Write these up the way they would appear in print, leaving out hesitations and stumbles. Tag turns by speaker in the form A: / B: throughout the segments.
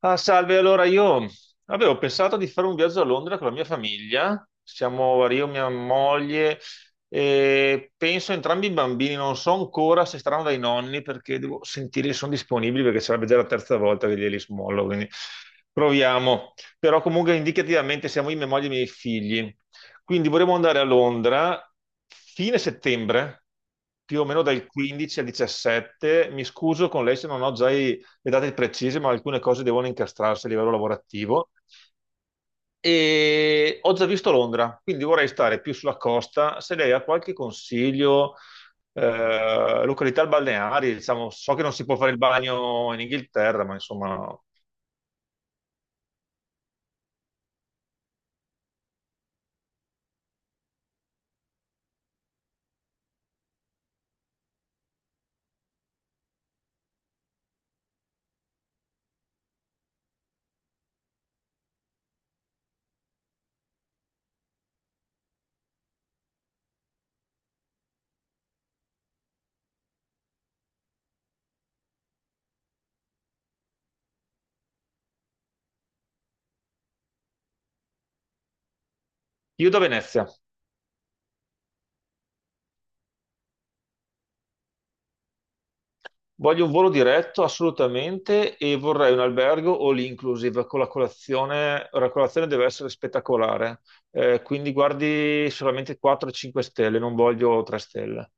A: Ah, salve, allora io avevo pensato di fare un viaggio a Londra con la mia famiglia, siamo io, mia moglie e penso entrambi i bambini, non so ancora se staranno dai nonni perché devo sentire se sono disponibili perché sarebbe già la terza volta che glieli smollo, quindi proviamo. Però comunque indicativamente siamo io, mia moglie e i miei figli, quindi vorremmo andare a Londra fine settembre, più o meno dal 15 al 17. Mi scuso con lei se non ho già i le date precise, ma alcune cose devono incastrarsi a livello lavorativo. E ho già visto Londra, quindi vorrei stare più sulla costa. Se lei ha qualche consiglio, località balneari, diciamo, so che non si può fare il bagno in Inghilterra, ma insomma, io da Venezia. Voglio un volo diretto assolutamente e vorrei un albergo all inclusive con la colazione. La colazione deve essere spettacolare. Quindi guardi solamente 4-5 stelle, non voglio 3 stelle.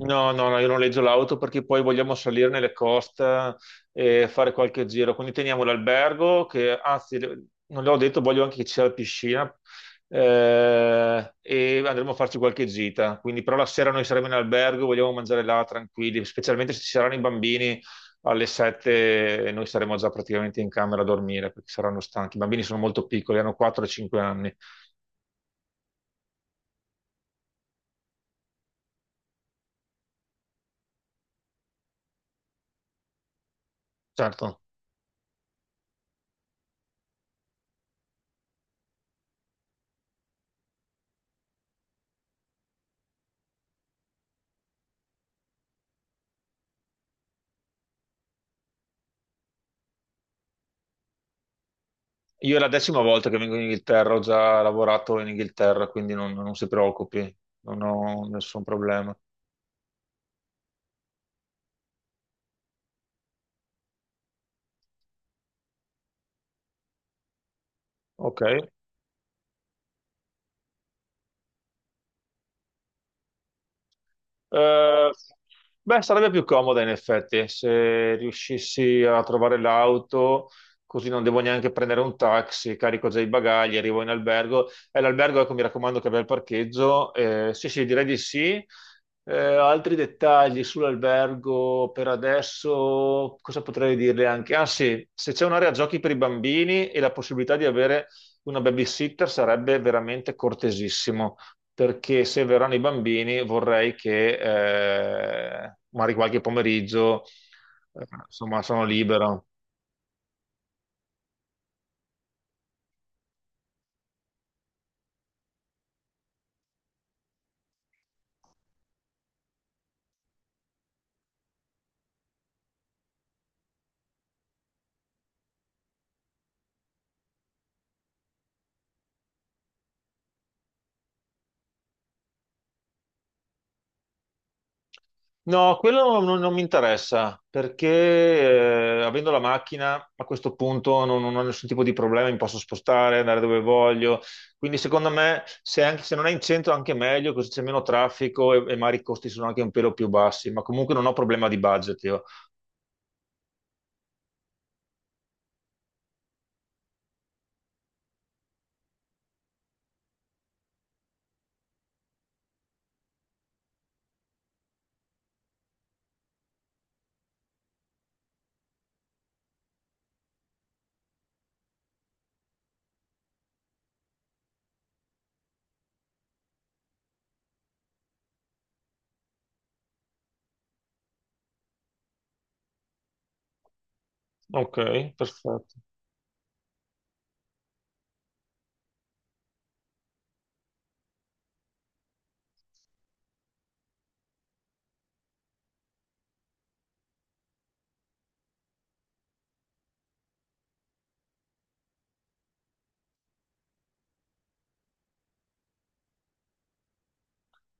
A: No, no, no, io non noleggio l'auto perché poi vogliamo salire nelle coste e fare qualche giro. Quindi teniamo l'albergo, che anzi, non l'ho detto, voglio anche che ci sia la piscina e andremo a farci qualche gita. Quindi, però la sera noi saremo in albergo, vogliamo mangiare là tranquilli, specialmente se ci saranno i bambini, alle 7 noi saremo già praticamente in camera a dormire perché saranno stanchi. I bambini sono molto piccoli, hanno 4-5 anni, certo. Io è la decima volta che vengo in Inghilterra, ho già lavorato in Inghilterra, quindi non si preoccupi, non ho nessun problema. Ok. Eh, beh, sarebbe più comoda in effetti se riuscissi a trovare l'auto, così non devo neanche prendere un taxi, carico già i bagagli, arrivo in albergo. E l'albergo, ecco, mi raccomando che abbia il parcheggio. Sì, sì, direi di sì. Altri dettagli sull'albergo per adesso, cosa potrei dirle anche? Ah sì, se c'è un'area giochi per i bambini e la possibilità di avere una babysitter sarebbe veramente cortesissimo perché se verranno i bambini vorrei che magari qualche pomeriggio, insomma, sono libero. No, quello non mi interessa, perché avendo la macchina a questo punto non ho nessun tipo di problema, mi posso spostare, andare dove voglio. Quindi secondo me, se non è in centro, anche meglio, così c'è meno traffico e magari i costi sono anche un pelo più bassi, ma comunque non ho problema di budget io. Ok, perfetto.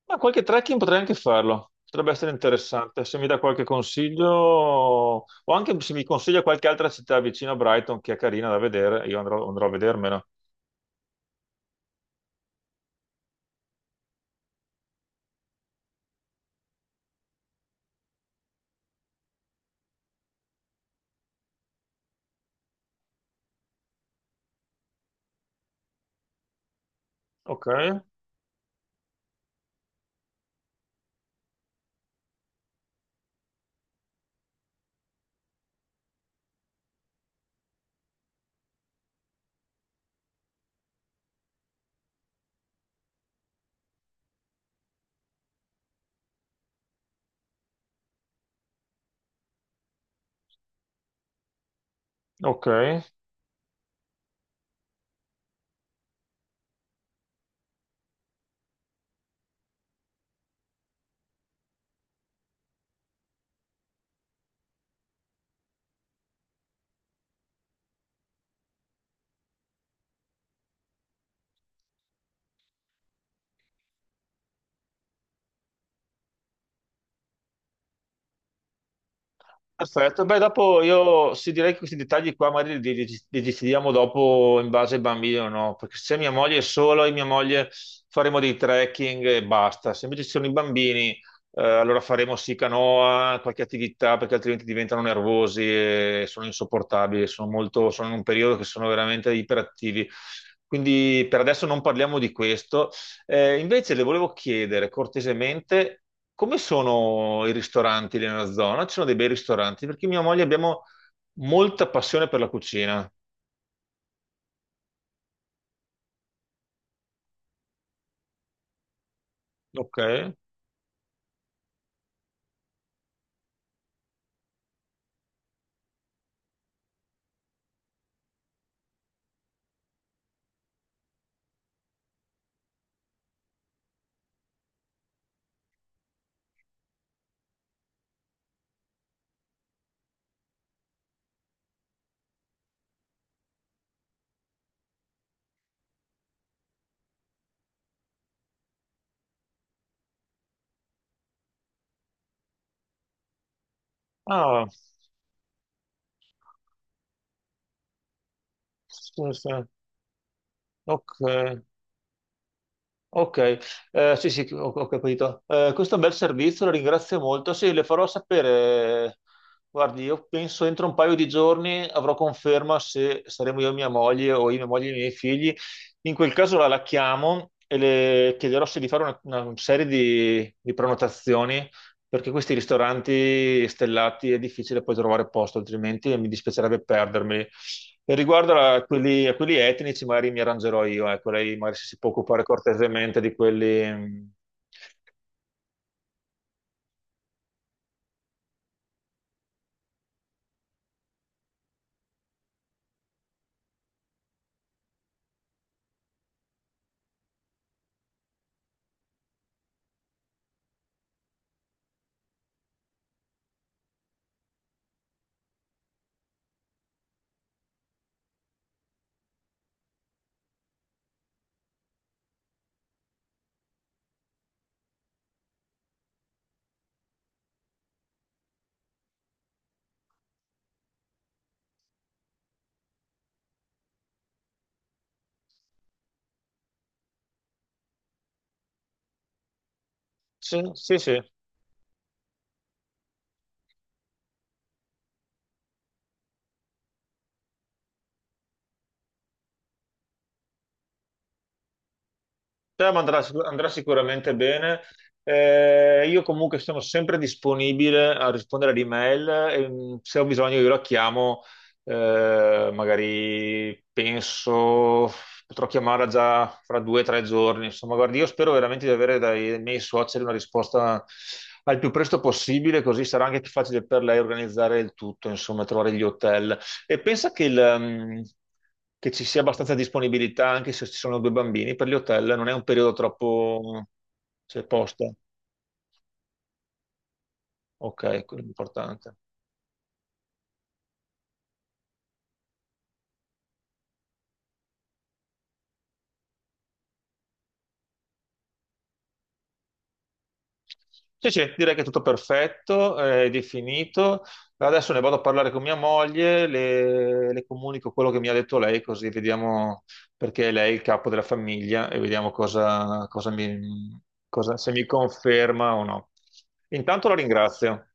A: Ma qualche trekking potrei anche farlo, potrebbe essere interessante. Se mi dà qualche consiglio, o anche se mi consiglia qualche altra città vicino a Brighton che è carina da vedere, io andrò a vedermela. Ok, ok. Perfetto, beh, dopo io sì, direi che questi dettagli qua magari li decidiamo dopo in base al bambino, no? Perché se mia moglie è sola, io e mia moglie faremo dei trekking e basta. Se invece ci sono i bambini, allora faremo sì canoa, qualche attività, perché altrimenti diventano nervosi e sono insopportabili, sono molto, sono in un periodo che sono veramente iperattivi. Quindi per adesso non parliamo di questo. Invece le volevo chiedere cortesemente come sono i ristoranti lì nella zona? Ci sono dei bei ristoranti perché mia moglie abbiamo molta passione per la cucina. Ok. Ah, sì, sì. Ok. Ok. Sì, sì, ho capito. Questo è un bel servizio, la ringrazio molto. Sì, le farò sapere. Guardi, io penso entro un paio di giorni avrò conferma se saremo io e mia moglie o io, mia moglie e i miei figli. In quel caso la chiamo e le chiederò se di fare una serie di prenotazioni perché questi ristoranti stellati è difficile poi trovare posto, altrimenti mi dispiacerebbe perdermi. E riguardo a quelli etnici, magari mi arrangerò io, ecco, lei magari se si può occupare cortesemente di quelli, mm, sì, sì, sì. Cioè, ma andrà sicuramente bene. Io comunque sono sempre disponibile a rispondere ad email e se ho bisogno io la chiamo, magari penso potrò chiamarla già fra 2 o 3 giorni. Insomma, guardi, io spero veramente di avere dai miei suoceri una risposta al più presto possibile, così sarà anche più facile per lei organizzare il tutto, insomma, trovare gli hotel. E pensa che, che ci sia abbastanza disponibilità anche se ci sono 2 bambini per gli hotel, non è un periodo troppo, cioè, posta. Ok, quello è importante. Sì, sì, direi che è tutto perfetto, è definito. Adesso ne vado a parlare con mia moglie, le comunico quello che mi ha detto lei, così vediamo perché lei è il capo della famiglia e vediamo cosa se mi conferma o no. Intanto la ringrazio.